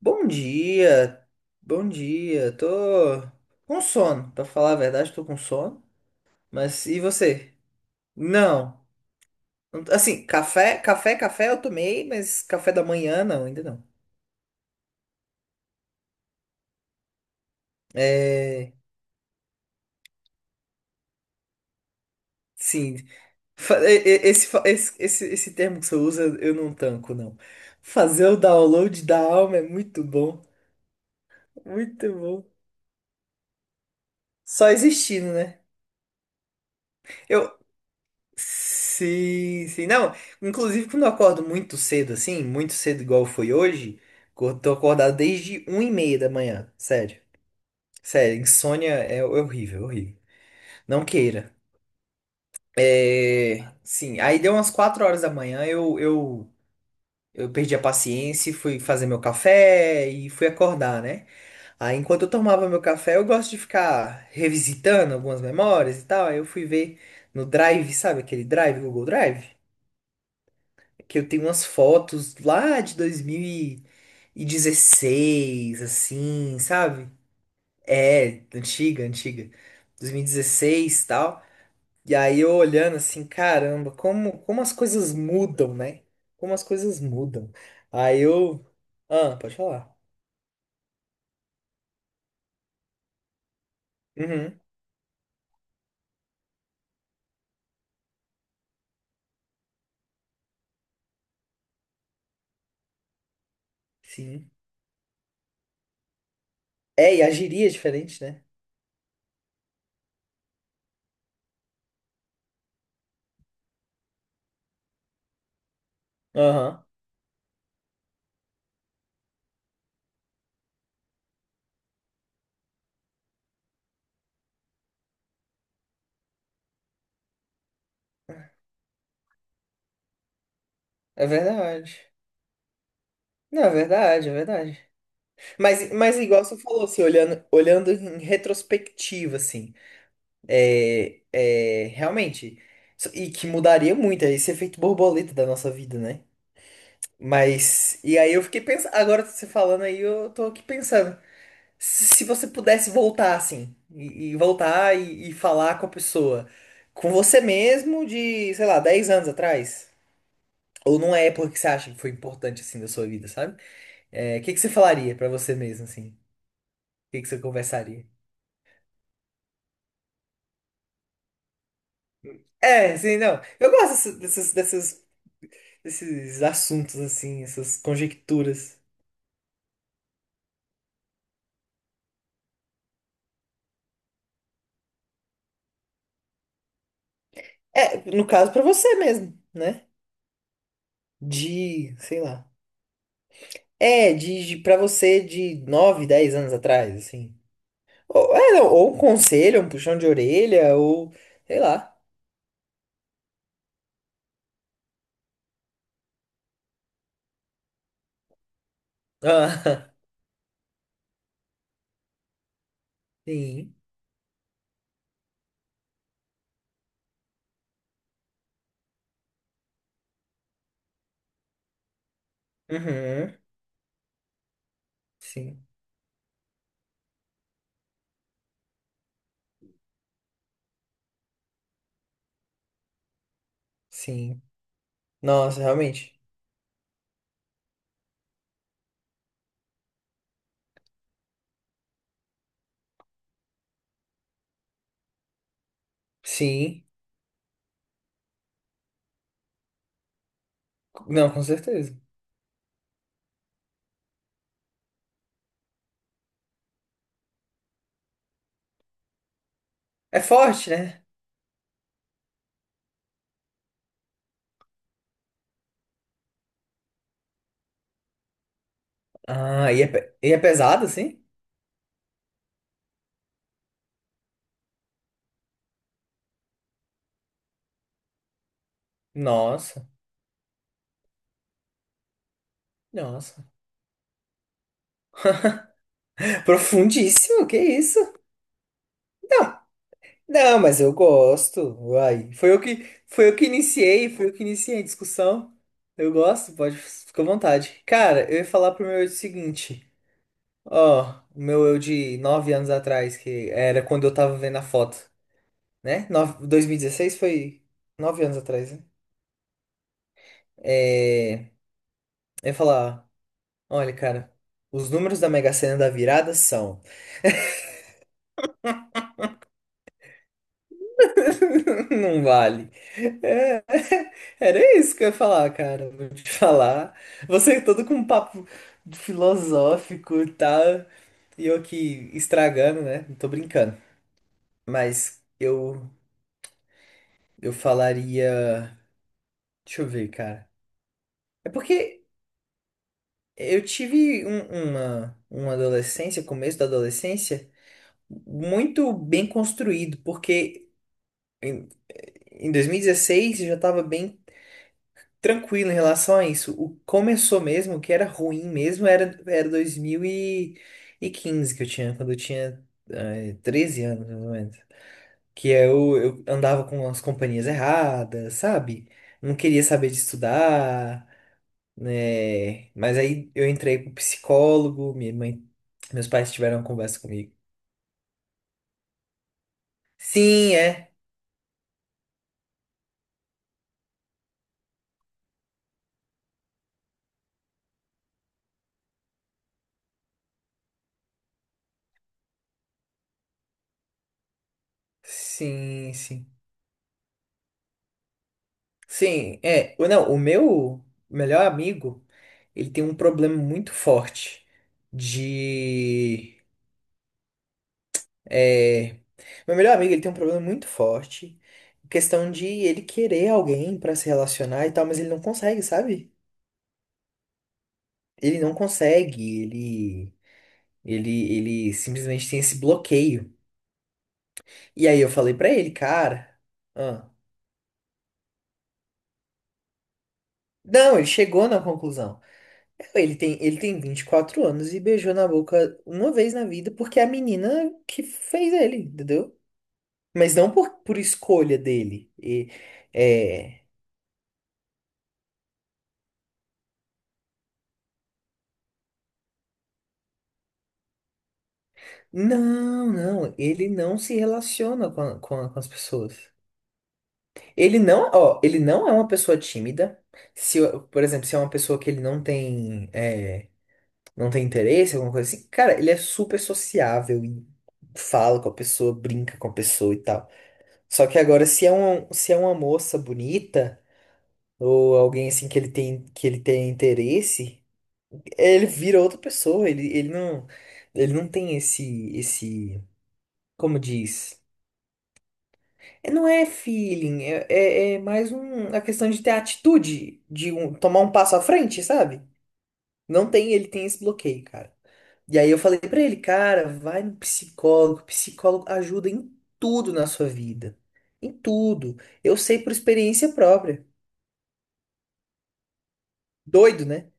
Bom dia, bom dia. Tô com sono, pra falar a verdade, tô com sono. Mas e você? Não. Assim, café eu tomei, mas café da manhã não, ainda não. É, sim. Fa- e- Esse, fa- esse termo que você usa eu não tanco, não. Fazer o download da alma é muito bom, muito bom. Só existindo, né? Eu, Sim, sim. Não, inclusive quando eu acordo muito cedo, assim, muito cedo igual foi hoje, eu tô acordado desde 1 e meia da manhã. Sério. Sério, insônia é horrível, horrível. Não queira. É, sim, aí deu umas 4 horas da manhã, eu perdi a paciência e fui fazer meu café e fui acordar, né? Aí enquanto eu tomava meu café, eu gosto de ficar revisitando algumas memórias e tal. Aí eu fui ver no Drive, sabe aquele Drive, Google Drive? Que eu tenho umas fotos lá de 2016 assim, sabe? É, antiga, antiga. 2016 e dezesseis e tal. E aí eu olhando assim, caramba, como as coisas mudam, né? Como as coisas mudam. Aí eu. Ah, pode falar. Uhum, sim. É, e agiria diferente, né? Aham, é verdade. Não, é verdade, é verdade. Mas igual você falou, assim, olhando em retrospectiva, assim. É, é, realmente. E que mudaria muito, é esse efeito borboleta da nossa vida, né? Mas. E aí eu fiquei pensando. Agora você falando aí, eu tô aqui pensando. Se você pudesse voltar assim, e voltar e falar com a pessoa, com você mesmo de, sei lá, 10 anos atrás, ou numa época que você acha que foi importante assim da sua vida, sabe? É, o que que você falaria pra você mesmo, assim? O que que você conversaria? É, sim, não. Eu gosto dessas, dessas esses assuntos assim, essas conjecturas. É, no caso pra você mesmo, né? De, sei lá. É, de para você de 9 10 anos atrás, assim. Ou, é, não, ou um conselho, um puxão de orelha, ou sei lá. Ah, sim. Uhum. Sim. Sim. Nossa, realmente. Sim. Não, com certeza. É forte, né? Ah, e é pesado, assim? Nossa. Nossa. Profundíssimo, que isso? Não, mas eu gosto. Uai. Foi eu que iniciei, foi eu que iniciei a discussão. Eu gosto, pode, fica à vontade. Cara, eu ia falar pro meu eu o seguinte. Ó, o meu eu de 9 anos atrás, que era quando eu tava vendo a foto, né? 2016 foi 9 anos atrás, né? É, eu ia falar, olha, cara, os números da Mega Sena da virada são. Não vale. Era isso que eu ia falar, cara. Vou te falar. Você todo com um papo filosófico e tal. E eu aqui estragando, né? Não tô brincando. Mas eu falaria. Deixa eu ver, cara. É porque eu tive uma adolescência, começo da adolescência, muito bem construído. Porque em 2016 eu já tava bem tranquilo em relação a isso. O começou mesmo, o que era ruim mesmo, era 2015 que eu tinha, quando eu tinha 13 anos, mais ou menos. Que eu andava com as companhias erradas, sabe? Não queria saber de estudar, né? Mas aí eu entrei pro psicólogo, minha mãe, meus pais tiveram uma conversa comigo. Sim, é. Sim, sim. Sim, é. Não, o meu melhor amigo, ele tem um problema muito forte de. É, meu melhor amigo, ele tem um problema muito forte. Questão de ele querer alguém pra se relacionar e tal, mas ele não consegue, sabe? Ele não consegue, ele, ele simplesmente tem esse bloqueio. E aí eu falei pra ele, cara. ah, Não, ele chegou na conclusão. Ele tem 24 anos e beijou na boca uma vez na vida porque é a menina que fez ele, entendeu? Mas não por escolha dele. E, é... Não, não. Ele não se relaciona com as pessoas. Ele não, ó, ele não é uma pessoa tímida. Se, eu- Por exemplo, se é uma pessoa que ele não tem interesse, alguma coisa assim, cara, ele é super sociável e fala com a pessoa, brinca com a pessoa e tal. Só que agora, se é uma moça bonita, ou alguém assim que ele tem interesse, ele vira outra pessoa, ele não tem esse, como diz? É, não é feeling, é mais um, a questão de ter atitude, tomar um passo à frente, sabe? Não tem, ele tem esse bloqueio, cara. E aí eu falei pra ele, cara, vai no psicólogo, psicólogo ajuda em tudo na sua vida. Em tudo. Eu sei por experiência própria. Doido, né?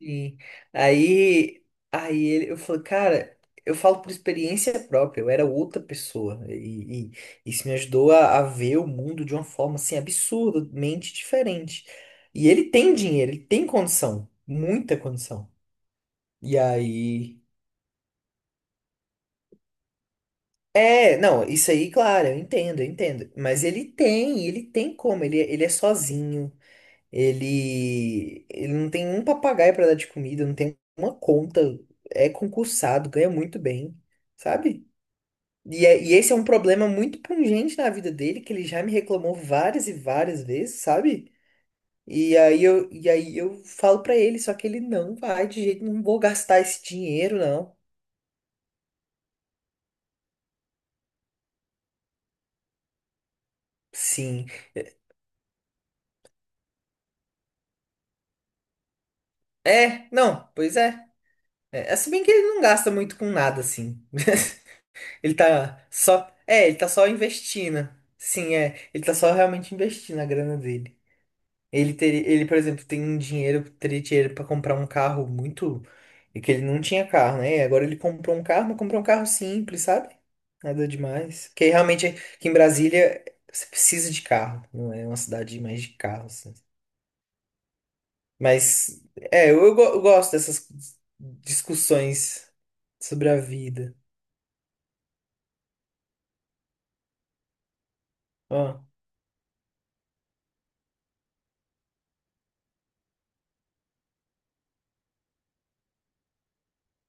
E aí, aí ele, eu falo, cara, eu falo por experiência própria, eu era outra pessoa. E isso me ajudou a ver o mundo de uma forma assim absurdamente diferente. E ele tem dinheiro, ele tem condição, muita condição. E aí. É, não, isso aí, claro, eu entendo, eu entendo. Mas ele tem como, ele é sozinho. Ele não tem um papagaio pra dar de comida, não tem uma conta, é concursado, ganha muito bem, sabe? E esse é um problema muito pungente na vida dele, que ele já me reclamou várias e várias vezes, sabe? E aí eu falo pra ele, só que ele não vai de jeito, não vou gastar esse dinheiro, não. Sim. É, não, pois é. É, se bem que ele não gasta muito com nada, assim. Ele tá só. É, ele tá só investindo. Sim, é. Ele tá só realmente investindo a grana dele. Ele teria, ele, por exemplo, tem um dinheiro, teria dinheiro pra comprar um carro muito. E que ele não tinha carro, né? Agora ele comprou um carro, mas comprou um carro simples, sabe? Nada demais. Porque realmente aqui em Brasília você precisa de carro. Não é uma cidade mais de carros, né? Mas é, eu gosto dessas discussões sobre a vida. Ó,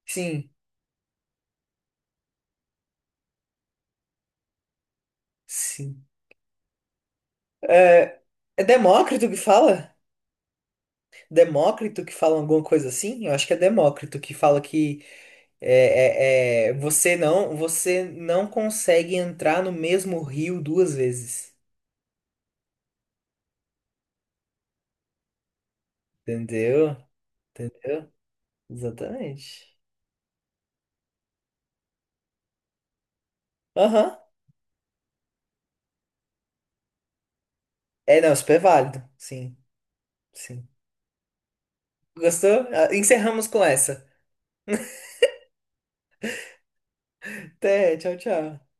sim, sim. É, é Demócrito que fala? Demócrito que fala alguma coisa assim? Eu acho que é Demócrito que fala que você não consegue entrar no mesmo rio duas vezes. Entendeu? Entendeu? Exatamente. Aham. É, não, super válido. Sim, sim. Gostou? Encerramos com essa. Até, tchau, tchau.